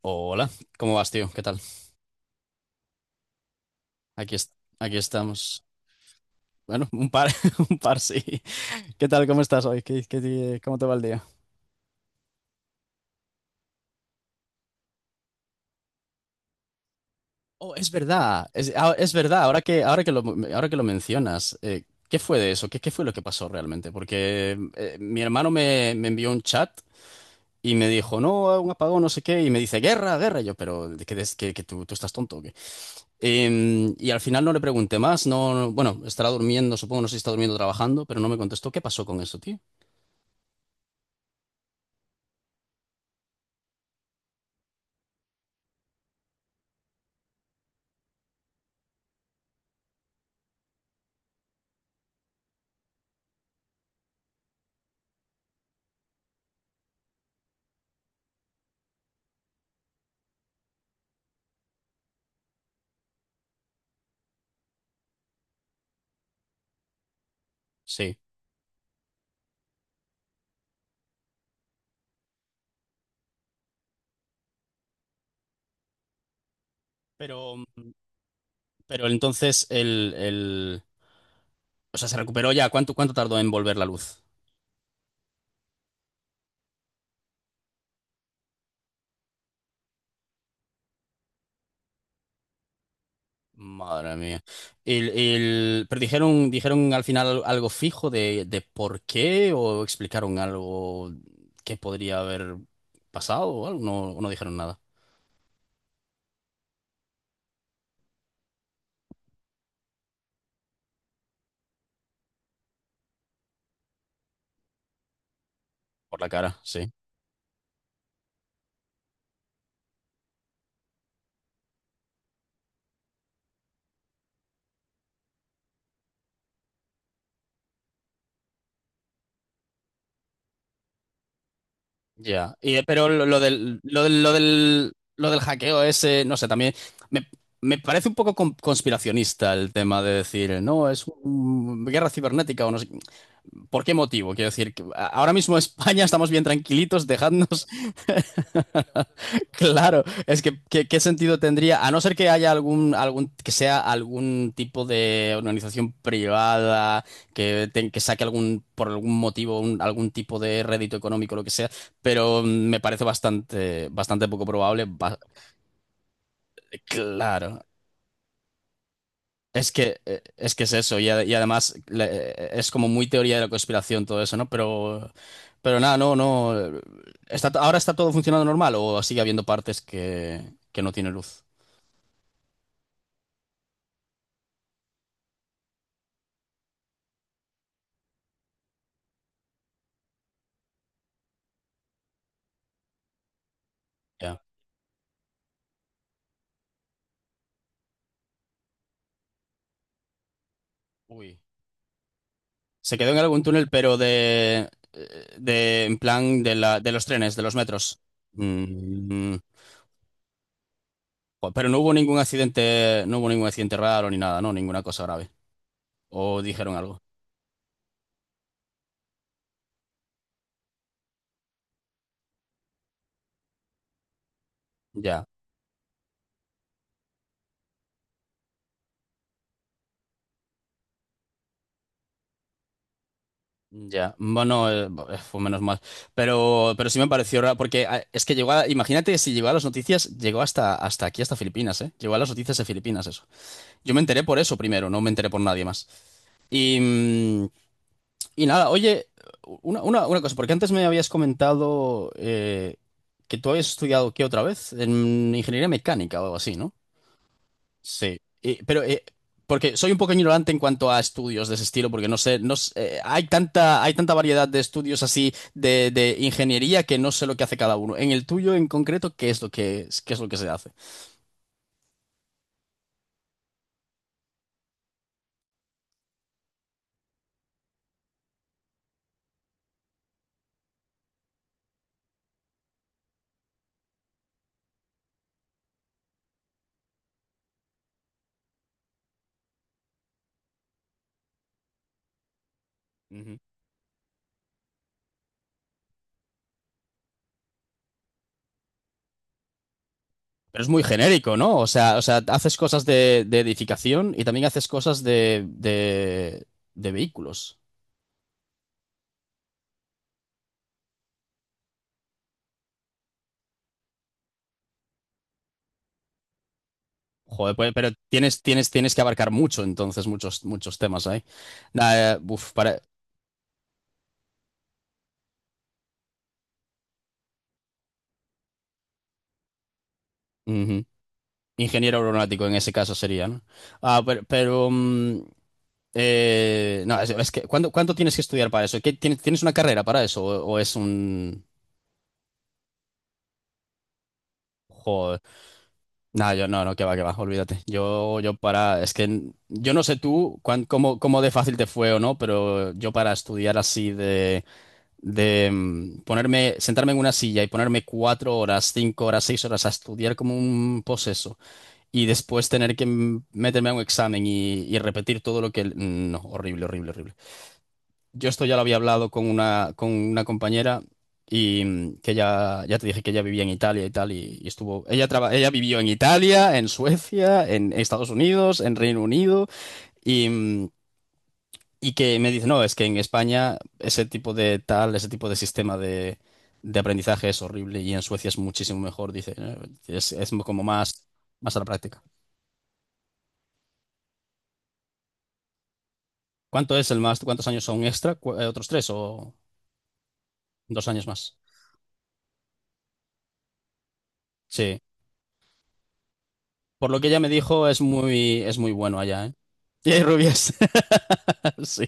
Hola, ¿cómo vas, tío? ¿Qué tal? Aquí, est- Aquí estamos. Bueno, un par, un par, sí. ¿Qué tal? ¿Cómo estás hoy? ¿Cómo te va el día? Oh, es verdad, es, ah, es verdad, ahora que lo, Ahora que lo mencionas, ¿qué fue de eso? ¿Qué fue lo que pasó realmente? Porque mi hermano me envió un chat y me dijo, no, un apagón, no sé qué, y me dice, guerra, guerra. Y yo, pero ¿de ¿qué, des- que tú estás tonto o qué? Y al final no le pregunté más, no, no, bueno, estará durmiendo, supongo, no sé si está durmiendo o trabajando, pero no me contestó. ¿Qué pasó con eso, tío? Sí. Pero, mm, pero entonces, o sea, se recuperó ya. ¿Cuánto tardó en volver la luz? Madre mía. Pero dijeron al final algo fijo de por qué, o explicaron algo que podría haber pasado o algo. No, no dijeron nada, por la cara, sí. Ya, y, pero lo del hackeo ese, no sé, también me, me parece un poco conspiracionista el tema de decir, no, es guerra cibernética o no sé. ¿Por qué motivo? Quiero decir, que ahora mismo España estamos bien tranquilitos, dejadnos. Claro, es que ¿qué sentido tendría? A no ser que haya que sea algún tipo de organización privada que, que saque algún, por algún motivo, algún tipo de rédito económico, lo que sea, pero me parece bastante, bastante poco probable. Claro, es que, es que es eso, y, y además es como muy teoría de la conspiración todo eso, ¿no? Pero nada, no, no. Está, ¿ahora está todo funcionando normal o sigue habiendo partes que no tiene luz? Ya. Uy. Se quedó en algún túnel, pero de en plan de la, de los trenes, de los metros. Mm, jo, pero no hubo ningún accidente, no hubo ningún accidente raro ni nada, ¿no? Ninguna cosa grave. O dijeron algo. Ya, ya. Bueno, fue menos mal. Pero sí me pareció raro, porque es que llegó a, imagínate, si llegó a las noticias, llegó hasta, hasta aquí, hasta Filipinas, ¿eh? Llegó a las noticias de Filipinas, eso. Yo me enteré por eso primero, no me enteré por nadie más. Y, y nada, oye, una cosa, porque antes me habías comentado que tú habías estudiado, ¿qué otra vez? En ingeniería mecánica o algo así, ¿no? Sí. Pero porque soy un poco ignorante en cuanto a estudios de ese estilo, porque no sé, no sé, hay tanta variedad de estudios así de ingeniería que no sé lo que hace cada uno. En el tuyo en concreto, ¿qué es lo que se hace? Ujú. Pero es muy genérico, ¿no? O sea, haces cosas de edificación y también haces cosas de vehículos. Joder, pues, pero tienes que abarcar mucho, entonces, muchos, muchos temas ahí. Nah, uf, para. Ujú. Ingeniero aeronáutico en ese caso sería, ¿no? Ah, pero, no, es que ¿cuánto tienes que estudiar para eso? ¿Qué, tienes una carrera para eso? O es un... Joder. No, yo no, no, que va, olvídate. Yo para, es que yo no sé tú cómo, cómo de fácil te fue o no, pero yo para estudiar así de ponerme, sentarme en una silla y ponerme cuatro horas, cinco horas, seis horas a estudiar como un poseso. Y después tener que meterme a un examen y repetir todo lo que... No, horrible, horrible, horrible. Yo esto ya lo había hablado con una compañera y que ya, ya te dije que ella vivía en Italia y tal, y estuvo... Ella, ella vivió en Italia, en Suecia, en Estados Unidos, en Reino Unido, y, y que me dice, no, es que en España ese tipo de tal, ese tipo de sistema de aprendizaje es horrible y en Suecia es muchísimo mejor, dice, es como más, más a la práctica. ¿Cuánto es el más? ¿Cuántos años son extra? ¿Otros tres o dos años más? Sí. Por lo que ella me dijo, es muy bueno allá, ¿eh? Y hay rubias. Sí,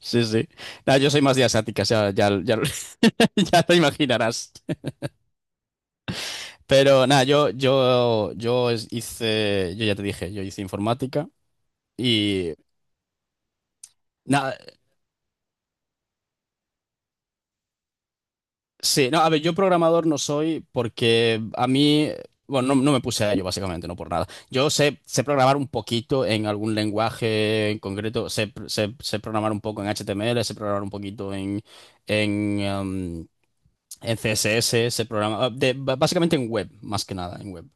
sí, sí. Nada, yo soy más de asiáticas, ya, ya, ya, ya te imaginarás. Pero nada, hice, yo ya te dije, yo hice informática y nada. Sí, no, a ver, yo programador no soy porque a mí, bueno, no, no me puse a ello básicamente, no por nada. Yo sé, sé programar un poquito en algún lenguaje en concreto, sé programar un poco en HTML, sé programar un poquito en, en, em, en CSS, sé programar, básicamente en web, más que nada, en web.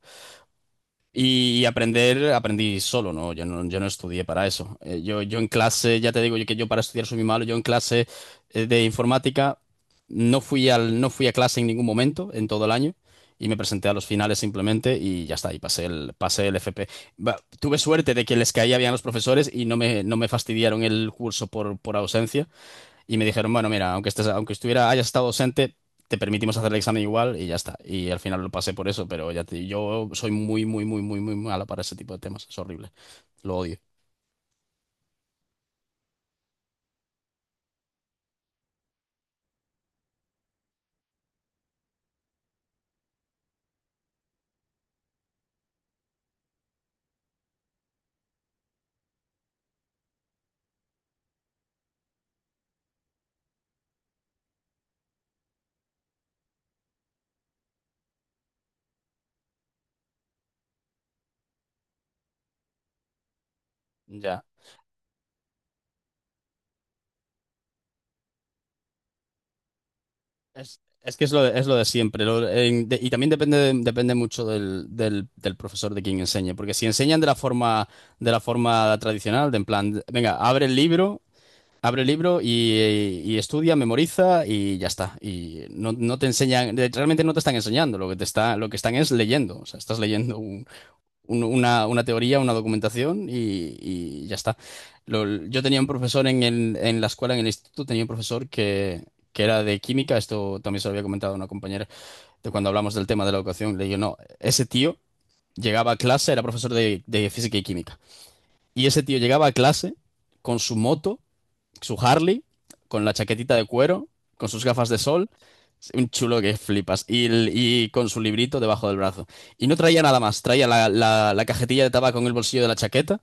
Y aprender, aprendí solo, ¿no? Yo no estudié para eso. Yo en clase, ya te digo yo que yo para estudiar soy muy malo, yo en clase de informática no fui a clase en ningún momento en todo el año y me presenté a los finales simplemente y ya está, y pasé el FP. Va, tuve suerte de que les caía bien a los profesores y no me fastidiaron el curso por ausencia, y me dijeron, bueno, mira, aunque estuviera, hayas estado ausente, te permitimos hacer el examen igual y ya está. Y al final lo pasé por eso, pero ya te, yo soy muy, muy, muy, muy, muy mala para ese tipo de temas. Es horrible. Lo odio. Ya. Es que es lo de siempre. Y también depende, depende mucho del, del, del profesor de quien enseñe. Porque si enseñan de la forma tradicional, de en plan, venga, abre el libro. Abre el libro y estudia, memoriza y ya está. Y no, no te enseñan, realmente no te están enseñando, lo que te está, lo que están es leyendo. O sea, estás leyendo una teoría, una documentación y ya está. Yo tenía un profesor en, en la escuela, en el instituto, tenía un profesor que era de química, esto también se lo había comentado a una compañera de cuando hablamos del tema de la educación. Le digo, no, ese tío llegaba a clase, era profesor de física y química. Y ese tío llegaba a clase con su moto, su Harley, con la chaquetita de cuero, con sus gafas de sol. Un chulo que flipas. Y, y con su librito debajo del brazo. Y no traía nada más. Traía la cajetilla de tabaco en el bolsillo de la chaqueta.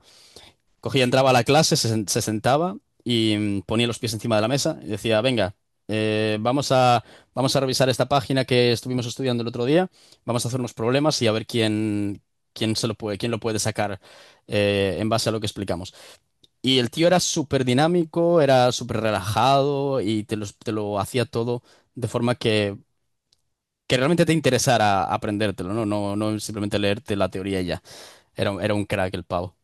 Cogía, entraba a la clase, se sentaba y ponía los pies encima de la mesa y decía, venga, eh, vamos a, vamos a revisar esta página que estuvimos estudiando el otro día. Vamos a hacer unos problemas y a ver quién, quién lo puede sacar en base a lo que explicamos. Y el tío era súper dinámico, era súper relajado y te lo hacía todo de forma que realmente te interesara aprendértelo, ¿no? No, no simplemente leerte la teoría y ya. Era un crack el pavo.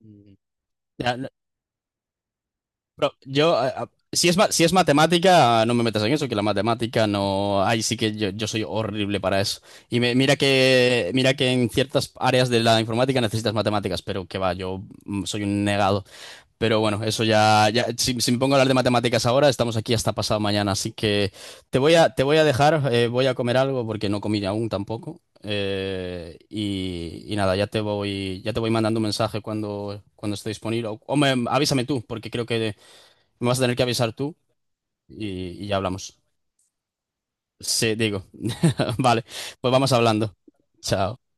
Mm. Ya, no, pero yo, si es, si es matemática, no me metas en eso, que la matemática no. Ahí sí que yo soy horrible para eso. Y mira que en ciertas áreas de la informática necesitas matemáticas, pero que va, yo soy un negado. Pero bueno, eso ya, ya si, si me pongo a hablar de matemáticas ahora, estamos aquí hasta pasado mañana, así que te voy a dejar, voy a comer algo porque no comí aún tampoco. Y, y nada, ya te voy mandando un mensaje cuando, cuando esté disponible. Avísame tú, porque creo que me vas a tener que avisar tú y ya hablamos. Sí, digo. Vale, pues vamos hablando. Chao.